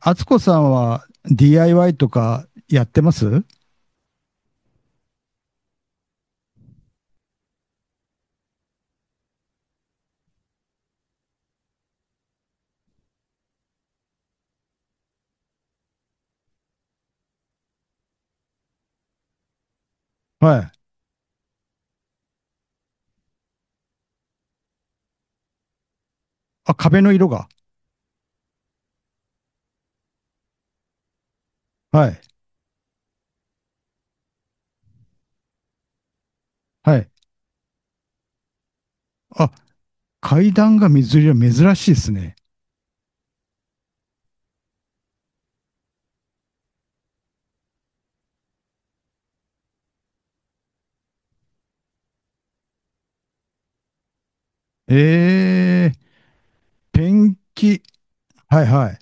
敦子さんは DIY とかやってますはい。あ、壁の色が。はい。はい。あ、階段が水色、珍しいですね。ええ、ペンキ。はいはい。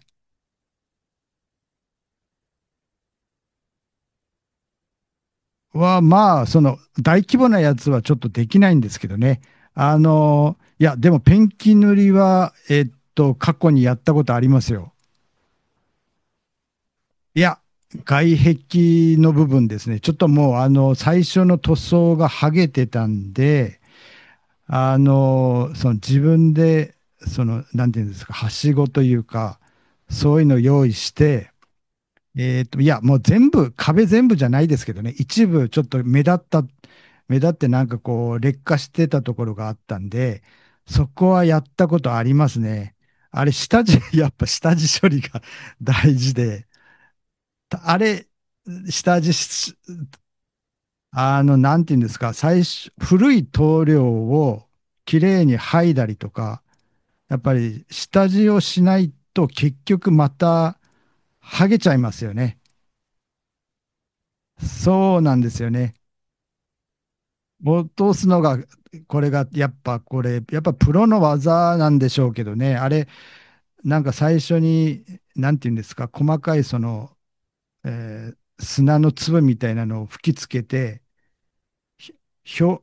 は、まあ、大規模なやつはちょっとできないんですけどね。あの、いや、でもペンキ塗りは、過去にやったことありますよ。いや、外壁の部分ですね。ちょっともう、最初の塗装が剥げてたんで、その自分で、なんていうんですか、はしごというか、そういうの用意して、いや、もう全部、壁全部じゃないですけどね、一部ちょっと目立った、目立ってなんかこう、劣化してたところがあったんで、そこはやったことありますね。あれ、下地、やっぱ下地処理が 大事で、あれ、下地、なんていうんですか、最初、古い棟梁をきれいに剥いだりとか、やっぱり下地をしないと結局また剥げちゃいますよね。そうなんですよね。落とすのが、これが、やっぱこれ、やっぱプロの技なんでしょうけどね、あれ、なんか最初に、なんていうんですか、細かいその、砂の粒みたいなのを吹きつけて、ひ表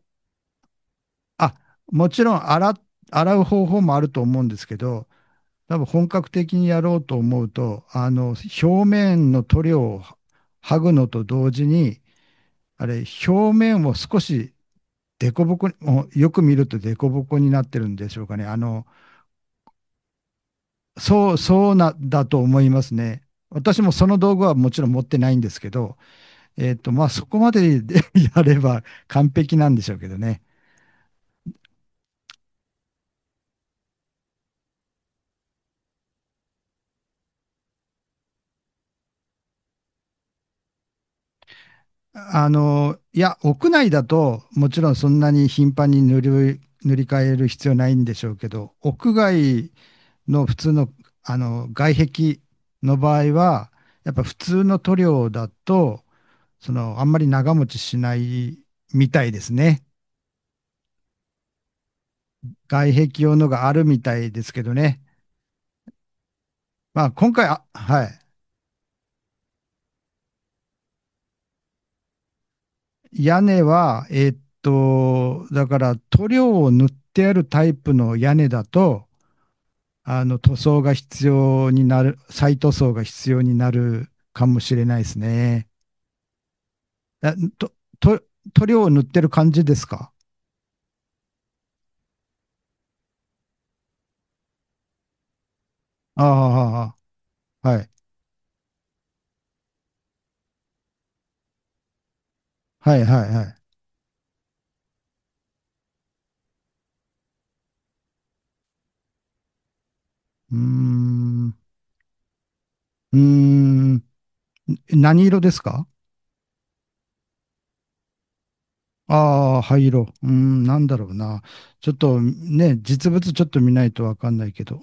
あ、もちろん洗っ、洗う方法もあると思うんですけど、多分本格的にやろうと思うと、表面の塗料を剥ぐのと同時に、あれ、表面を少し凸凹に、もうよく見ると凸凹になってるんでしょうかね。あの、そう、そうな、だと思いますね。私もその道具はもちろん持ってないんですけど、まあ、そこまでで やれば完璧なんでしょうけどね。あの、いや、屋内だと、もちろんそんなに頻繁に塗り、塗り替える必要ないんでしょうけど、屋外の普通の、外壁の場合は、やっぱ普通の塗料だと、あんまり長持ちしないみたいですね。外壁用のがあるみたいですけどね。まあ、今回、あ、はい。屋根は、だから塗料を塗ってあるタイプの屋根だと、塗装が必要になる、再塗装が必要になるかもしれないですね。あと、と、塗料を塗ってる感じですか？ああ、はい。はい、はい、はい。うーん。うーん。何色ですか？ああー、灰色。うーん、なんだろうな。ちょっとね、実物ちょっと見ないとわかんないけど。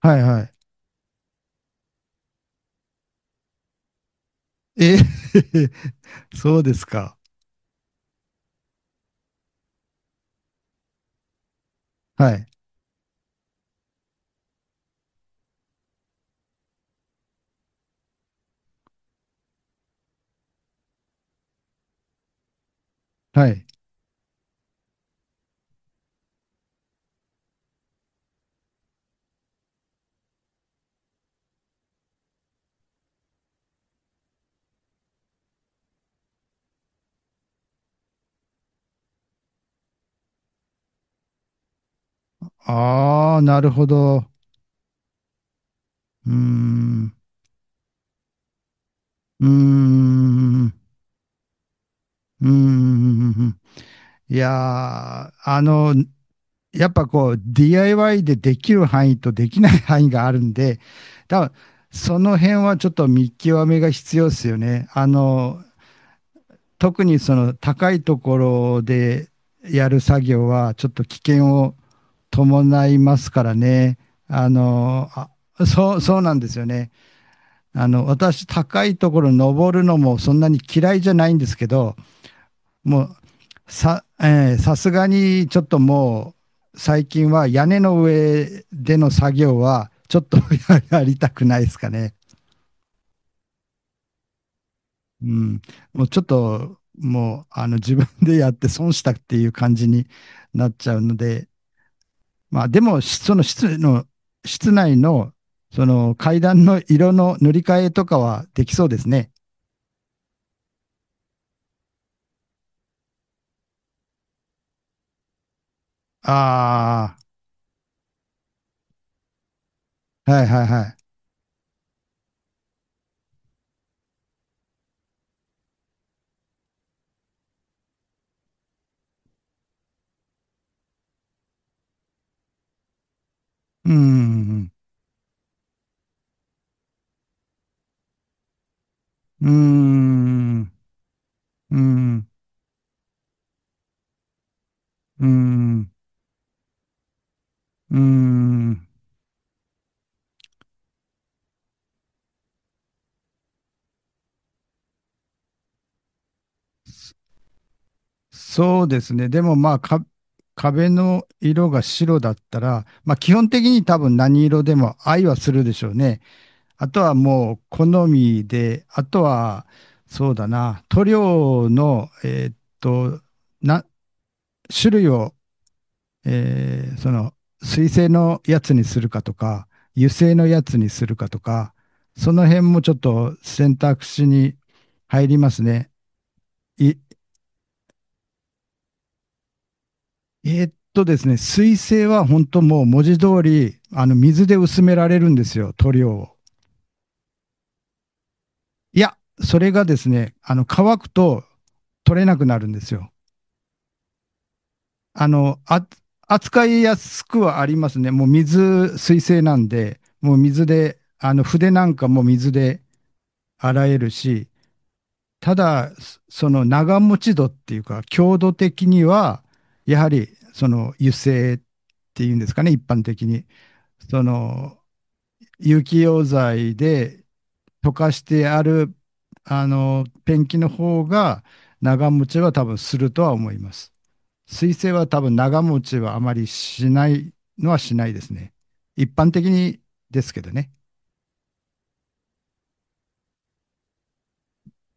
はい、はい。え、 そうですか。はい、はい。ああ、なるほど。うーん。うーん、うーん。いやー、あの、やっぱこう、DIY でできる範囲とできない範囲があるんで、多分、その辺はちょっと見極めが必要ですよね。あの、特にその高いところでやる作業は、ちょっと危険を伴いますからね。あの、あ、そうなんですよね。あの、私、高いところ登るのもそんなに嫌いじゃないんですけど、もうさ、えーさすがにちょっともう最近は屋根の上での作業はちょっと やりたくないですかね。うん。もうちょっともうあの自分でやって損したっていう感じになっちゃうので、まあでもしその室の、室内のその階段の色の塗り替えとかはできそうですね。ああ、はいはいはい。うーん、うーん、うーん、うーん、うーん。そそうですね。でもまあか、壁の色が白だったら、まあ基本的に多分何色でも愛はするでしょうね。あとはもう好みで、あとはそうだな、塗料の、な、種類を、その水性のやつにするかとか、油性のやつにするかとか、その辺もちょっと選択肢に入りますね。いえーっとですね、水性は本当もう文字通り、あの、水で薄められるんですよ、塗料を。いや、それがですね、あの、乾くと取れなくなるんですよ。あの、あ、扱いやすくはありますね。もう水、水性なんで、もう水で、あの、筆なんかも水で洗えるし、ただ、その長持ち度っていうか、強度的には、やはり、その油性っていうんですかね、一般的に。その、有機溶剤で溶かしてある、あの、ペンキの方が長持ちは多分するとは思います。水性は多分長持ちはあまりしないのはしないですね。一般的にですけどね。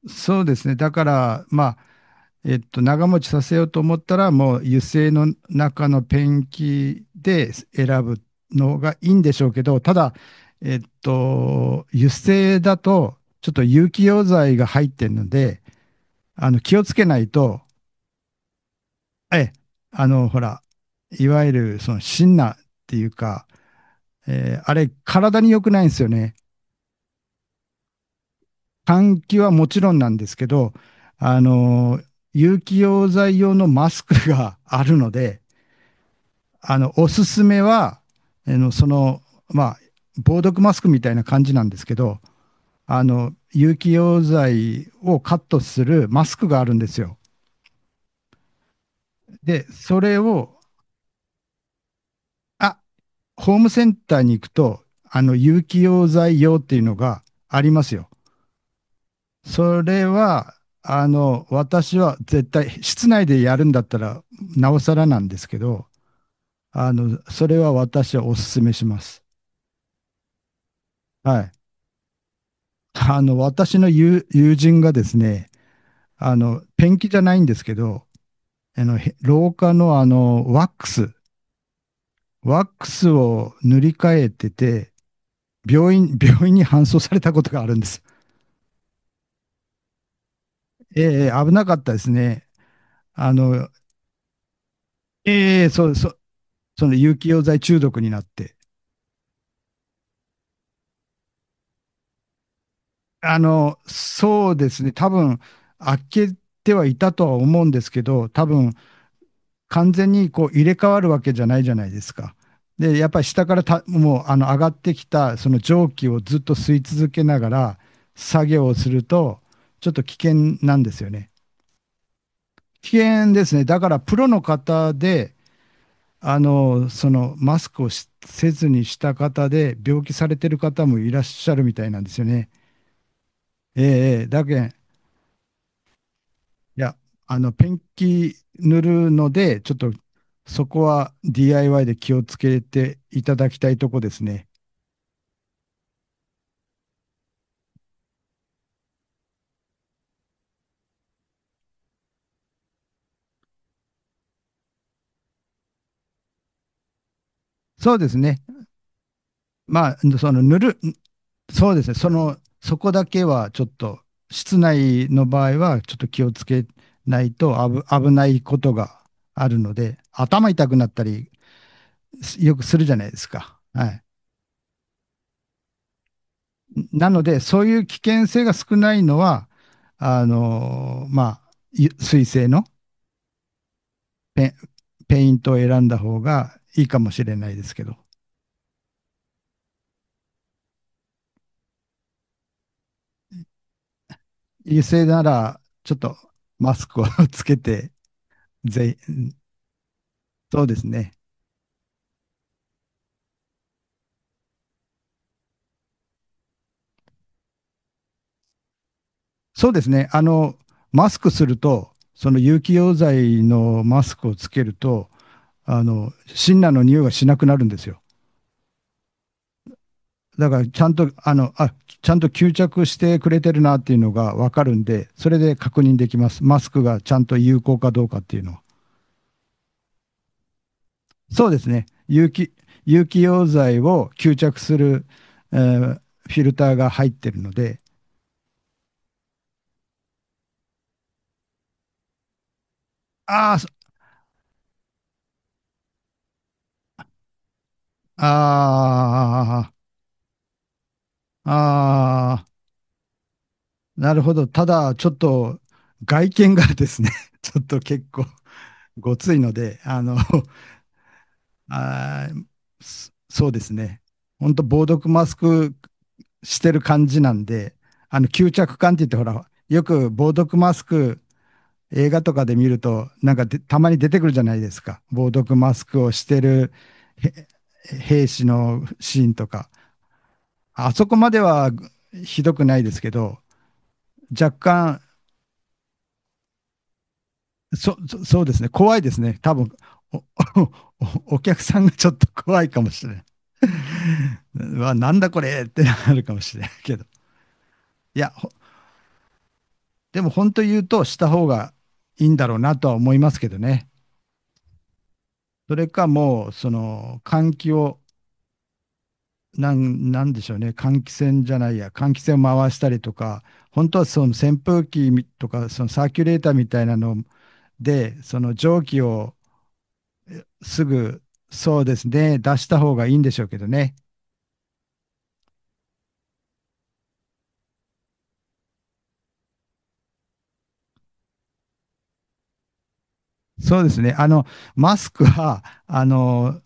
そうですね。だから、まあ、長持ちさせようと思ったら、もう油性の中のペンキで選ぶのがいいんでしょうけど、ただ、油性だと、ちょっと有機溶剤が入ってるので、あの、気をつけないと、え、あの、ほら、いわゆる、その、シンナーっていうか、あれ、体に良くないんですよね。換気はもちろんなんですけど、あの、有機溶剤用のマスクがあるので、あの、おすすめは、あの、その、まあ、防毒マスクみたいな感じなんですけど、あの、有機溶剤をカットするマスクがあるんですよ。で、それを、あ、ホームセンターに行くと、あの、有機溶剤用っていうのがありますよ。それは、あの、私は絶対、室内でやるんだったら、なおさらなんですけど、あの、それは私はおすすめします。はい。あの、私の友人がですね、あの、ペンキじゃないんですけど、あの、廊下のあの、ワックス、ワックスを塗り替えてて、病院、病院に搬送されたことがあるんです。ええ、危なかったですね。あの、ええそう、そう、その有機溶剤中毒になって。あの、そうですね。多分、開けてはいたとは思うんですけど、多分、完全にこう入れ替わるわけじゃないじゃないですか。で、やっぱり下からたあの上がってきたその蒸気をずっと吸い続けながら作業をすると、ちょっと危険なんですよね。危険ですね。だからプロの方で、あの、そのマスクをしせずにした方で病気されてる方もいらっしゃるみたいなんですよね。ええええだけんいや、あの、ペンキ塗るので、ちょっとそこは DIY で気をつけていただきたいとこですね。そうですね。まあ、その塗る、そうですね。そこだけはちょっと、室内の場合はちょっと気をつけないと危ないことがあるので、頭痛くなったりよくするじゃないですか。はい。なので、そういう危険性が少ないのは、まあ、水性のペン、ペイントを選んだ方がいいかもしれないですけど、油性ならちょっとマスクを つけて、ぜそうですね。そうですね。あの、マスクすると、その有機溶剤のマスクをつけると、あの、シンナーの匂いがしなくなるんですよ。だからちゃんと、ちゃんと吸着してくれてるなっていうのがわかるんで、それで確認できます。マスクがちゃんと有効かどうかっていうのは。そうですね。有機溶剤を吸着する、えーフィルターが入ってるので、あーそあー、あなるほど。ただ、ちょっと外見がですね、ちょっと結構ごついので、あの、あーそうですね。ほんと防毒マスクしてる感じなんで、あの、吸着感って言って、ほら、よく防毒マスク、映画とかで見ると、なんかでたまに出てくるじゃないですか。防毒マスクをしてるへ兵士のシーンとか。あそこまではひどくないですけど、若干、そうですね、怖いですね。多分、お、お客さんがちょっと怖いかもしれない。うわ、なんだこれってなるかもしれないけど。いや、でも本当言うとした方がいいんだろうなとは思いますけどね。それかもう、その、換気をなんでしょうね、換気扇じゃないや、換気扇を回したりとか、本当はその扇風機みとか、そのサーキュレーターみたいなので、その蒸気をえすぐ、そうですね、出した方がいいんでしょうけどね。そうですね、あの、マスクは、あの、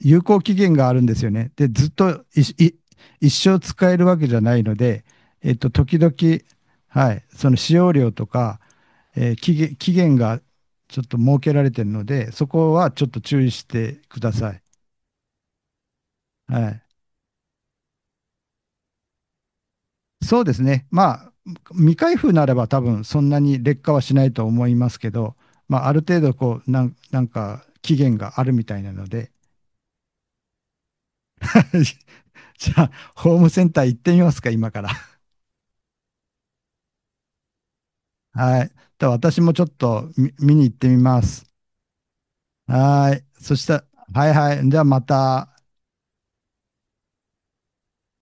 有効期限があるんですよね。で、ずっといい一生使えるわけじゃないので、時々、はい、その使用量とか、期限がちょっと設けられているので、そこはちょっと注意してください。はい。そうですね。まあ、未開封ならば多分そんなに劣化はしないと思いますけど、まあ、ある程度こう、なんか期限があるみたいなので、じゃあ、ホームセンター行ってみますか、今から。はい。では私もちょっと見、見に行ってみます。はい。そしたら、はいはい。じゃあまた。